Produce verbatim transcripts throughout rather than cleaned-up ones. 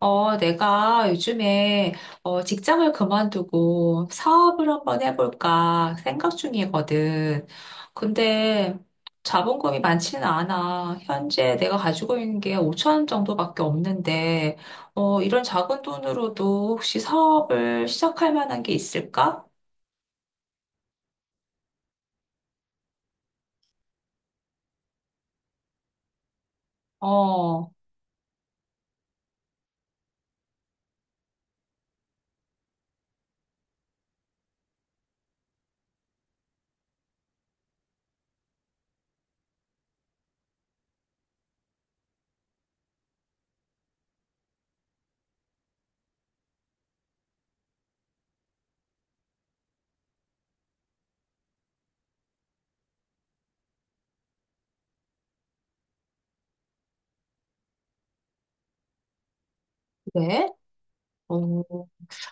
어, 내가 요즘에 어, 직장을 그만두고 사업을 한번 해볼까 생각 중이거든. 근데 자본금이 많지는 않아. 현재 내가 가지고 있는 게 오천 원 정도밖에 없는데, 어, 이런 작은 돈으로도 혹시 사업을 시작할 만한 게 있을까? 어, 그래? 어,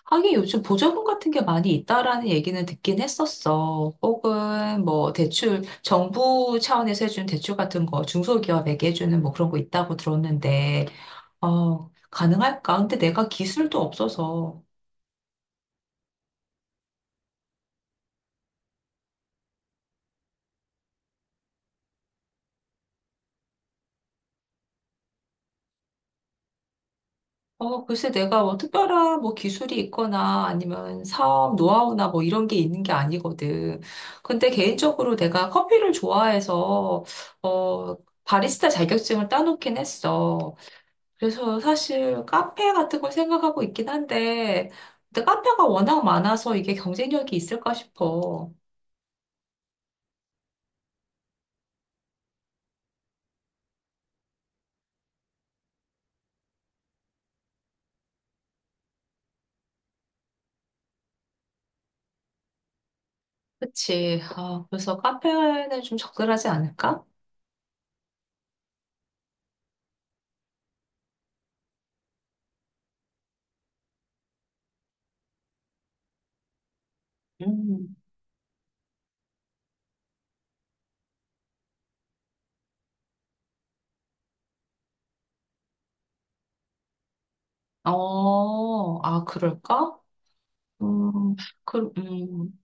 하긴 요즘 보조금 같은 게 많이 있다라는 얘기는 듣긴 했었어. 혹은 뭐 대출, 정부 차원에서 해주는 대출 같은 거, 중소기업에게 해주는 뭐 그런 거 있다고 들었는데, 어, 가능할까? 근데 내가 기술도 없어서, 어, 글쎄 내가 뭐 특별한 뭐 기술이 있거나 아니면 사업 노하우나 뭐 이런 게 있는 게 아니거든. 근데 개인적으로 내가 커피를 좋아해서, 어, 바리스타 자격증을 따놓긴 했어. 그래서 사실 카페 같은 걸 생각하고 있긴 한데, 근데 카페가 워낙 많아서 이게 경쟁력이 있을까 싶어. 그치. 아, 그래서 카페는 좀 적절하지 않을까? 음. 어, 아, 그럴까? 음, 그, 음,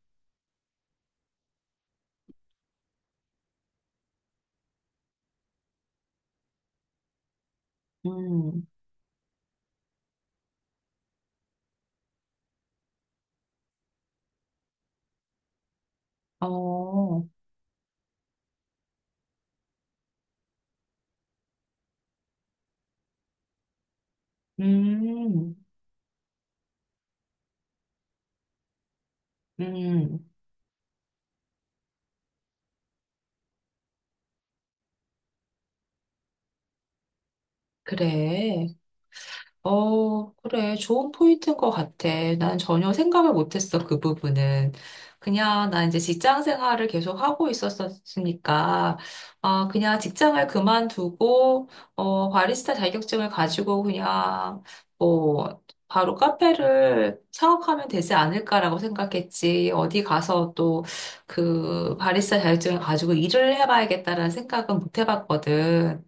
음, 어, 음, 음, 그래. 어, 그래. 좋은 포인트인 것 같아. 난 전혀 생각을 못했어, 그 부분은. 그냥 나 이제 직장 생활을 계속 하고 있었으니까, 아, 그냥 직장을 그만두고, 어, 바리스타 자격증을 가지고 그냥, 뭐, 바로 카페를 창업하면 되지 않을까라고 생각했지. 어디 가서 또 그 바리스타 자격증을 가지고 일을 해봐야겠다라는 생각은 못 해봤거든.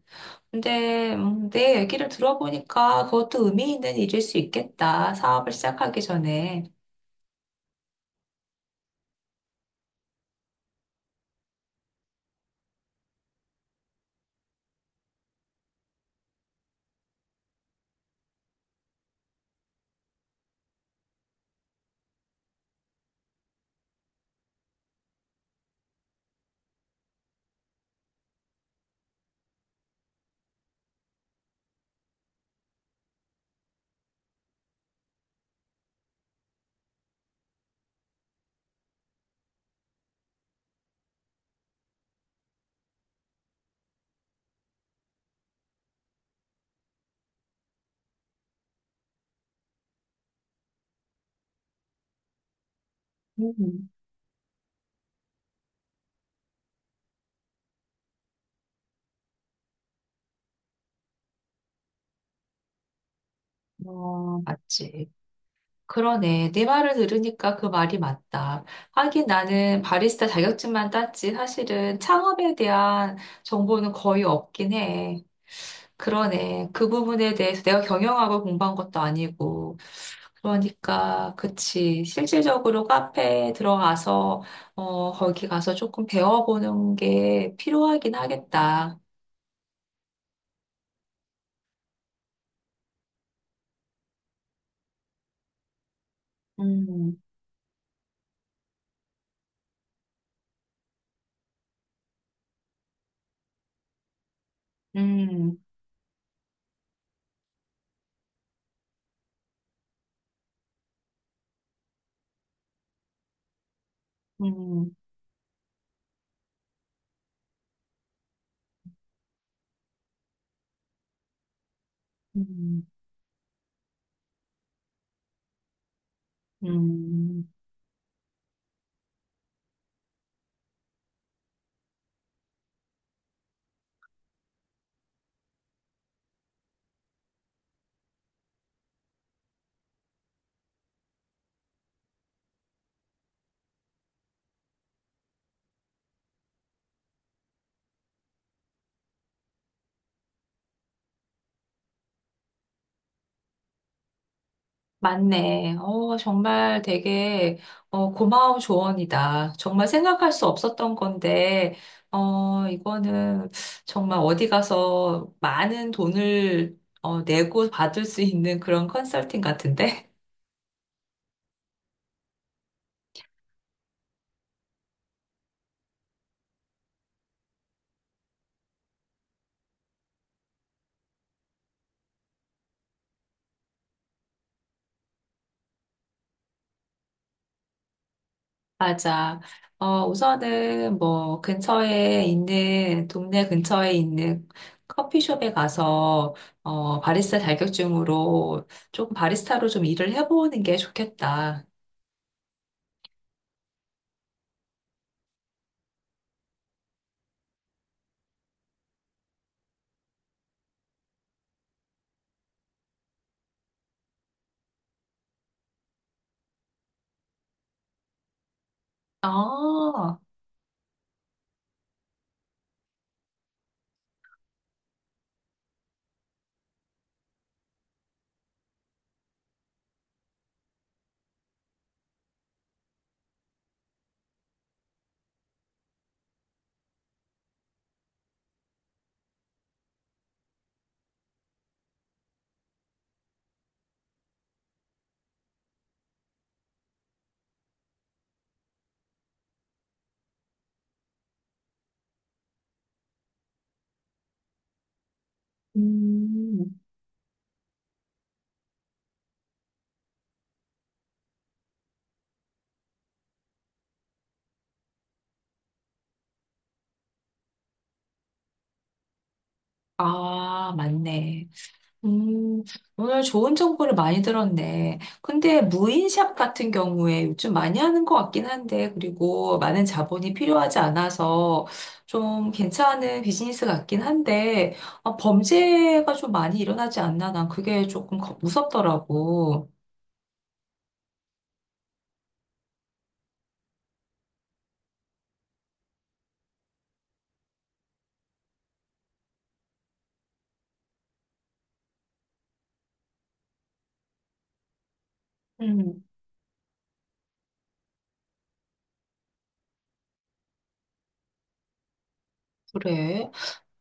근데 음, 내 얘기를 들어보니까 그것도 의미 있는 일일 수 있겠다. 사업을 시작하기 전에. 음. 어, 맞지. 그러네. 네 말을 들으니까 그 말이 맞다. 하긴 나는 바리스타 자격증만 땄지 사실은 창업에 대한 정보는 거의 없긴 해. 그러네. 그 부분에 대해서 내가 경영학을 공부한 것도 아니고. 그러니까, 그치. 실질적으로 카페에 들어가서, 어, 거기 가서 조금 배워보는 게 필요하긴 하겠다. 음, 음, 음, 음, 음. 맞네. 어, 정말 되게 어, 고마운 조언이다. 정말 생각할 수 없었던 건데, 어, 이거는 정말 어디 가서 많은 돈을 어, 내고 받을 수 있는 그런 컨설팅 같은데? 맞아. 어, 우선은 뭐 근처에 있는, 동네 근처에 있는 커피숍에 가서 어, 바리스타 자격증으로 조금 바리스타로 좀 일을 해보는 게 좋겠다. 아, 음, 아, 맞네. 음, 오늘 좋은 정보를 많이 들었네. 근데 무인샵 같은 경우에 요즘 많이 하는 것 같긴 한데, 그리고 많은 자본이 필요하지 않아서 좀 괜찮은 비즈니스 같긴 한데, 아, 범죄가 좀 많이 일어나지 않나? 난 그게 조금 겁- 무섭더라고. 음, 그래.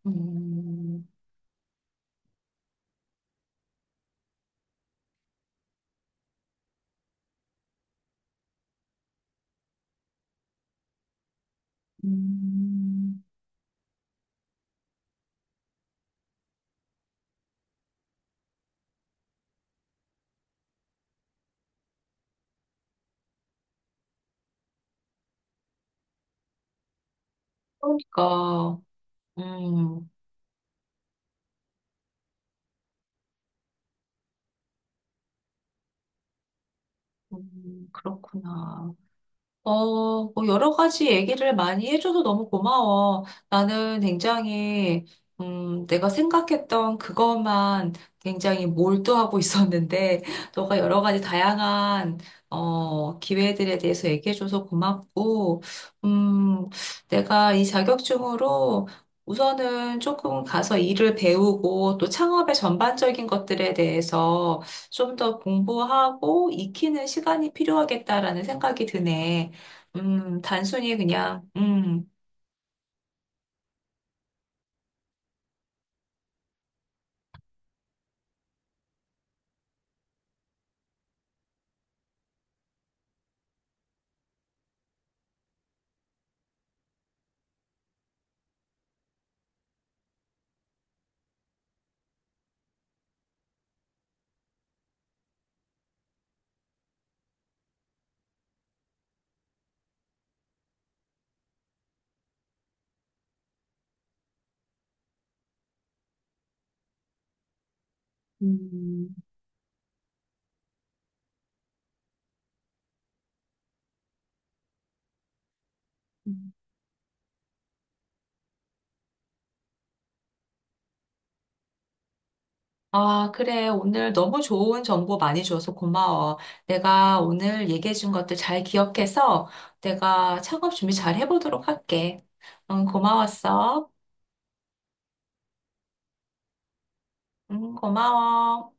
음, 음, 그러니까, 음, 음, 그렇구나. 어, 뭐 여러 가지 얘기를 많이 해줘서 너무 고마워. 나는 굉장히, 음, 내가 생각했던 그것만 굉장히 몰두하고 있었는데, 너가 여러 가지 다양한, 어, 기회들에 대해서 얘기해줘서 고맙고, 음, 내가 이 자격증으로 우선은 조금 가서 일을 배우고, 또 창업의 전반적인 것들에 대해서 좀 더 공부하고 익히는 시간이 필요하겠다라는 생각이 드네. 음, 단순히 그냥, 음. 음, 음. 아, 그래. 오늘 너무 좋은 정보 많이 줘서 고마워. 내가 오늘 얘기해준 것들 잘 기억해서 내가 창업 준비 잘 해보도록 할게. 응, 고마웠어. 응, 고마워.